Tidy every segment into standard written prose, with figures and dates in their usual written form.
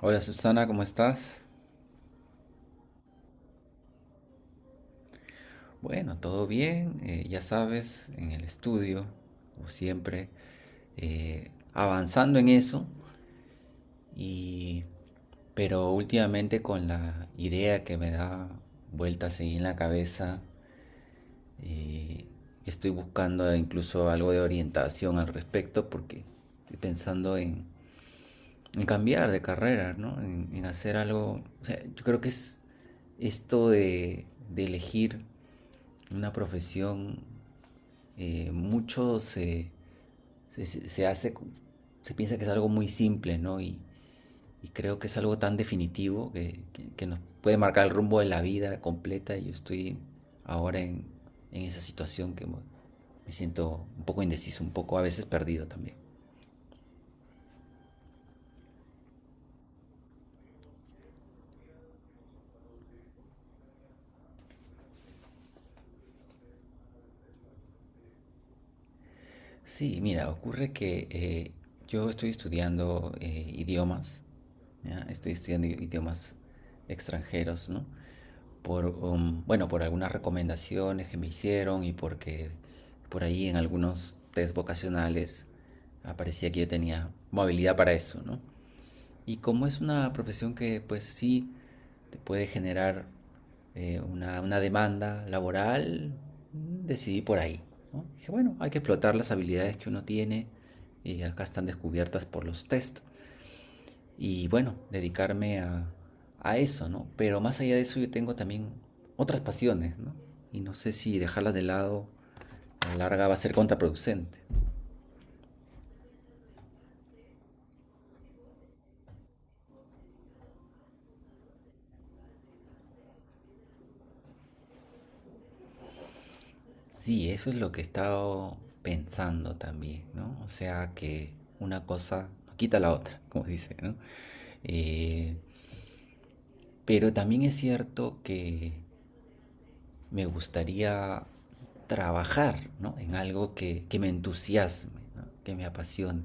Hola Susana, ¿cómo estás? Bueno, todo bien, ya sabes, en el estudio, como siempre, avanzando en eso, y, pero últimamente con la idea que me da vueltas ahí en la cabeza, eh, estoy buscando incluso algo de orientación al respecto porque estoy pensando en, en cambiar de carrera, ¿no? En hacer algo, o sea, yo creo que es esto de elegir una profesión, mucho se, se, se- hace, se piensa que es algo muy simple, ¿no? Y creo que es algo tan definitivo que nos puede marcar el rumbo de la vida completa. Yo estoy ahora en, en esa situación que me siento un poco indeciso, un poco a veces perdido también. Sí, mira, ocurre que yo estoy estudiando idiomas, ¿ya? Estoy estudiando idiomas extranjeros, ¿no? Bueno, por algunas recomendaciones que me hicieron y porque por ahí en algunos test vocacionales aparecía que yo tenía movilidad para eso, ¿no? Y como es una profesión que pues sí te puede generar una demanda laboral, decidí por ahí, ¿no? Dije, bueno, hay que explotar las habilidades que uno tiene y acá están descubiertas por los test y bueno, a eso, ¿no? Pero más allá de eso yo tengo también otras pasiones, ¿no? Y no sé si dejarlas de lado a la larga va a ser contraproducente. Sí, eso es lo que he estado pensando también, ¿no? O sea que una cosa no quita la otra, como dice, ¿no? Eh, pero también es cierto que me gustaría trabajar, ¿no? En algo que me entusiasme, ¿no? Que me apasione.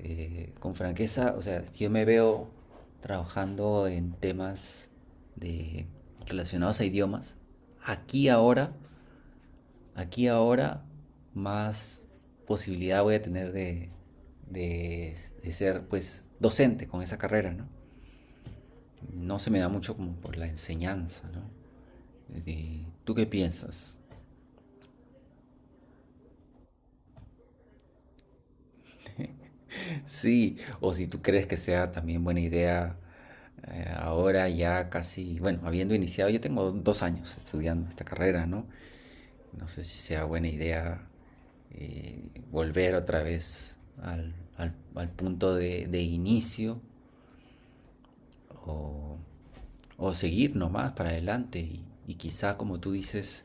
Con franqueza, o sea, si yo me veo trabajando en temas de, relacionados a idiomas. Aquí ahora, aquí ahora, más posibilidad voy a tener de, de ser, pues, docente con esa carrera, ¿no? No se me da mucho como por la enseñanza, ¿no? ¿Tú qué piensas? Sí, o si tú crees que sea también buena idea, ahora ya casi, bueno, habiendo iniciado, yo tengo dos años estudiando esta carrera, ¿no? No sé si sea buena idea, eh, volver otra vez al punto de inicio o, o seguir nomás para adelante y quizá, como tú dices,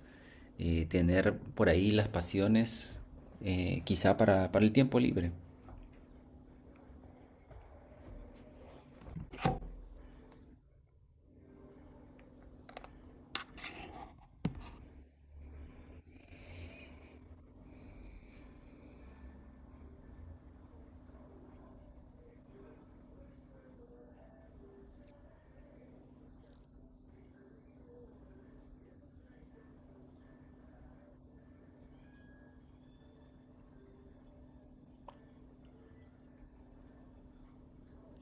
tener por ahí las pasiones, quizá para el tiempo libre.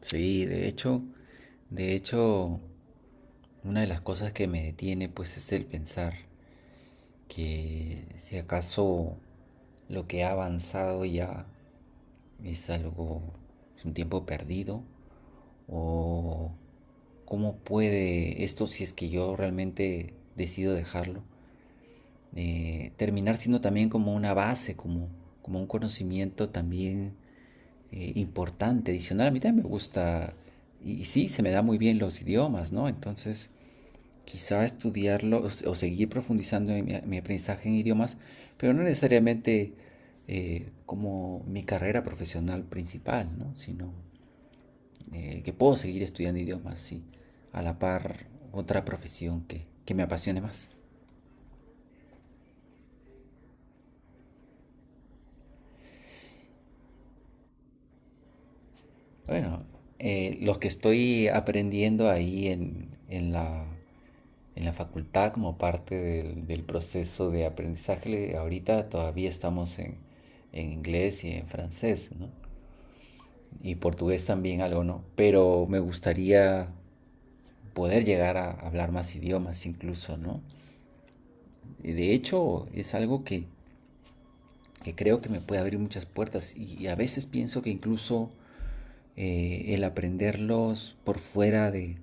Sí, de hecho, de hecho, una de las cosas que me detiene pues es el pensar que si acaso lo que ha avanzado ya es algo, es un tiempo perdido o cómo puede esto, si es que yo realmente decido dejarlo, terminar siendo también como una base, como, como un conocimiento también, importante, adicional. A mí también me gusta y sí, se me da muy bien los idiomas, ¿no? Entonces quizá estudiarlo o seguir profundizando en mi aprendizaje en idiomas, pero no necesariamente, como mi carrera profesional principal, ¿no? Sino, que puedo seguir estudiando idiomas, sí, a la par otra profesión que me apasione más. Bueno, los que estoy aprendiendo ahí en la facultad como parte del proceso de aprendizaje, ahorita todavía en inglés y en francés, ¿no? Y portugués también algo, ¿no? Pero me gustaría poder llegar a hablar más idiomas incluso, ¿no? De hecho, es algo que creo que me puede abrir muchas puertas y a veces pienso que incluso, el aprenderlos por fuera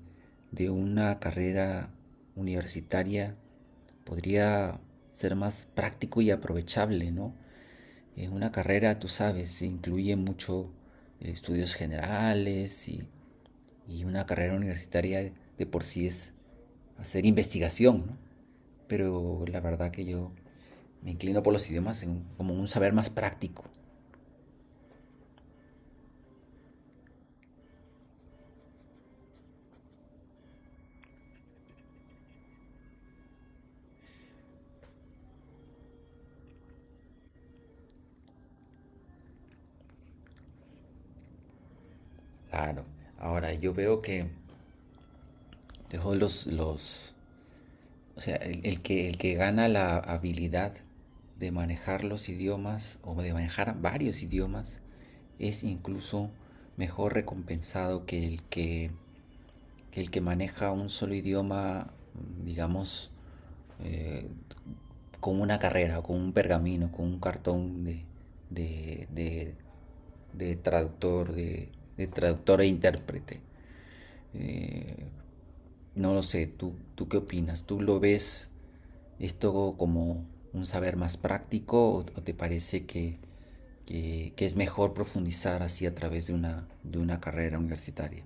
de una carrera universitaria podría ser más práctico y aprovechable, ¿no? En una carrera, tú sabes, se incluye mucho, estudios generales y una carrera universitaria de por sí es hacer investigación, ¿no? Pero la verdad que yo me inclino por los idiomas en- como un saber más práctico. Claro. Ahora, yo veo que dejo los, los, o sea, el que gana la habilidad de manejar los idiomas o de manejar varios idiomas es incluso mejor recompensado que el que maneja un solo idioma, digamos, eh, con una carrera, con un pergamino, con un cartón de, de, de traductor, de traductor e intérprete. Eh, no lo sé, ¿tú qué opinas? ¿Tú lo ves esto como un saber más práctico o te parece que es mejor profundizar así a través de de una carrera universitaria?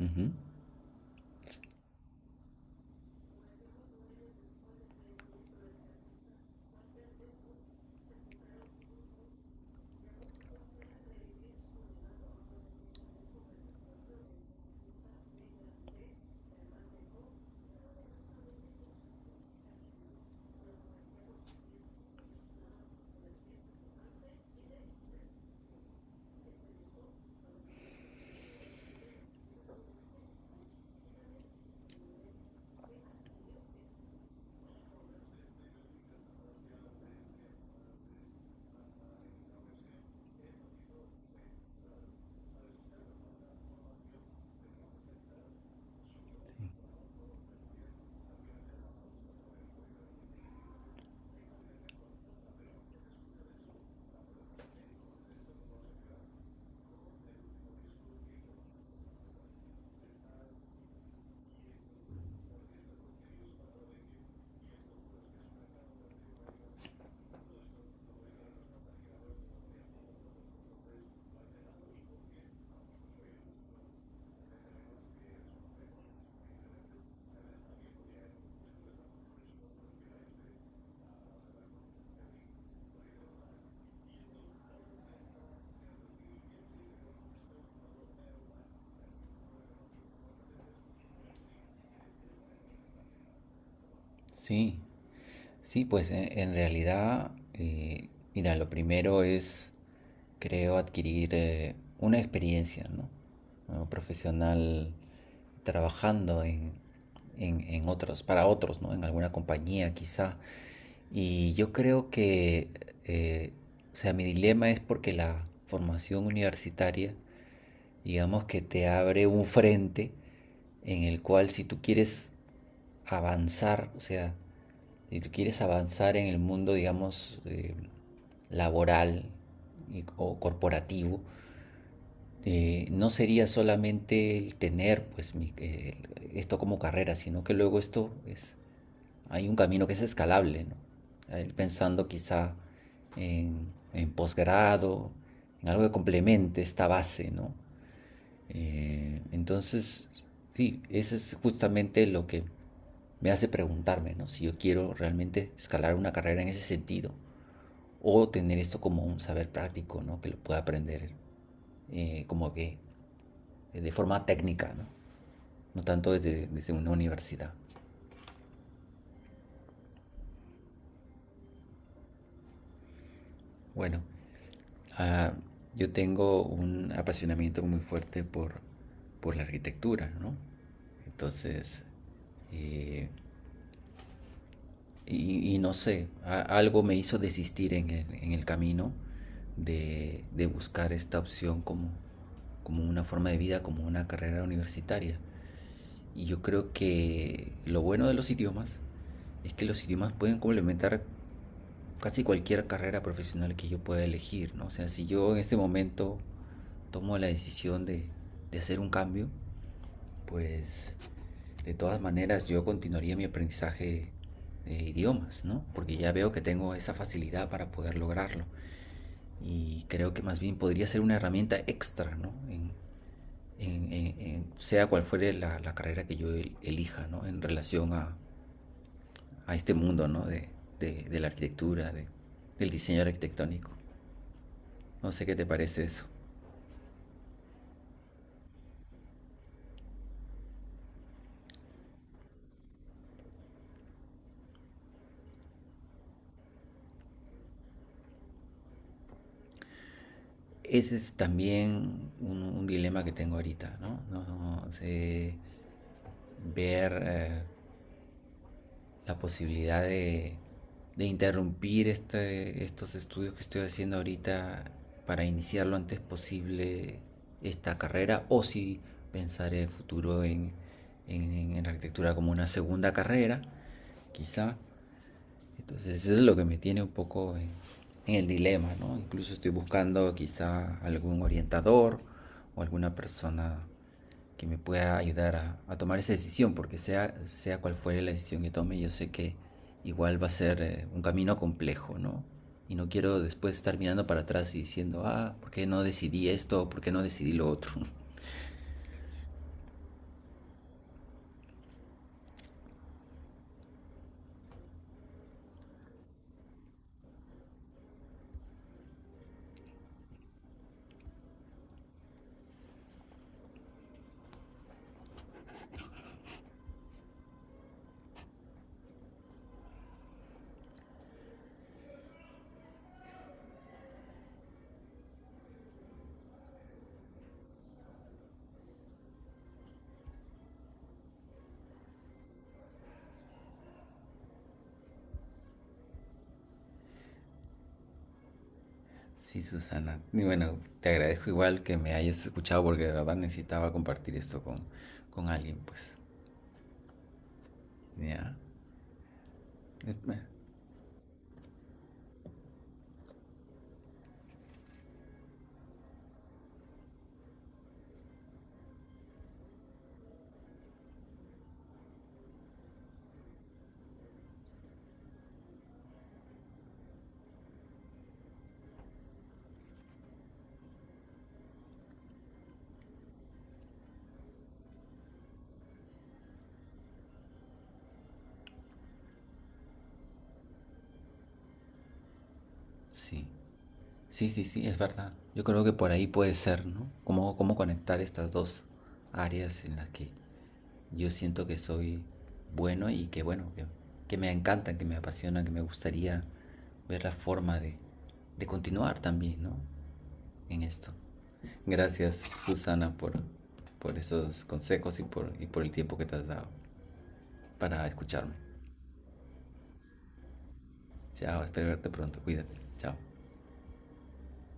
Ujú. Sí, sí, pues en realidad, mira, lo primero es, creo, adquirir una experiencia, ¿no? Como profesional trabajando en, en otros, para otros, ¿no? En alguna compañía quizá. Y yo creo que, eh, o sea, mi dilema es porque la formación universitaria digamos que te abre un frente en el cual si tú quieres avanzar, o sea, si tú quieres avanzar en el mundo, digamos, laboral y- o corporativo, no sería solamente el tener pues esto como carrera, sino que luego esto es, hay un camino que es escalable, ¿no? Ir pensando quizá en posgrado, en algo que complemente esta base, ¿no? Entonces, sí, eso es justamente lo que me hace preguntarme, ¿no? Si yo quiero realmente escalar una carrera en ese sentido o tener esto como un saber práctico, ¿no? Que lo pueda aprender, como que, de forma técnica, ¿no? No tanto desde una universidad. Bueno, ah, yo tengo un apasionamiento muy fuerte por la arquitectura, ¿no? Entonces, eh, y no sé, algo me hizo desistir en el camino de buscar esta opción como, como una forma de vida, como una carrera universitaria. Y yo creo que lo bueno de los idiomas es que los idiomas pueden complementar casi cualquier carrera profesional que yo pueda elegir, ¿no? O sea, si yo en este momento tomo la decisión de hacer un cambio, pues de todas maneras yo continuaría mi aprendizaje de idiomas, ¿no? Porque ya veo que tengo esa facilidad para poder lograrlo. Y creo que más bien podría ser una herramienta extra, ¿no? Sea cual fuere la carrera que yo elija, ¿no? A este mundo, ¿no? De la arquitectura, del diseño arquitectónico. No sé qué te parece eso. Ese es también un dilema que tengo ahorita, ¿no? No, no sé ver, la posibilidad de interrumpir estos estudios que estoy haciendo ahorita para iniciar lo antes posible esta carrera o si pensar el futuro en arquitectura como una segunda carrera, quizá. Entonces eso es lo que me tiene un poco en el dilema, ¿no? Incluso estoy buscando quizá algún orientador o alguna persona que me pueda ayudar a tomar esa decisión, porque sea, sea cual fuere la decisión que tome, yo sé que igual va a ser, un camino complejo, ¿no? Y no quiero después estar mirando para atrás y diciendo, ah, ¿por qué no decidí esto? ¿Por qué no decidí lo otro? Sí, Susana. Y bueno, te agradezco igual que me hayas escuchado porque de verdad necesitaba compartir esto con alguien, pues. Ya. Eh, eh, sí. Sí, sí, sí, es verdad. Yo creo que por ahí puede ser, ¿no? ¿Cómo, cómo conectar estas dos áreas en las que yo siento que soy bueno y que, bueno, que me encantan, que me apasionan, que me gustaría ver la forma de continuar también, ¿no? En esto. Gracias, Susana, por esos consejos y y por el tiempo que te has dado para escucharme. Chao, espero verte pronto. Cuídate. Chao.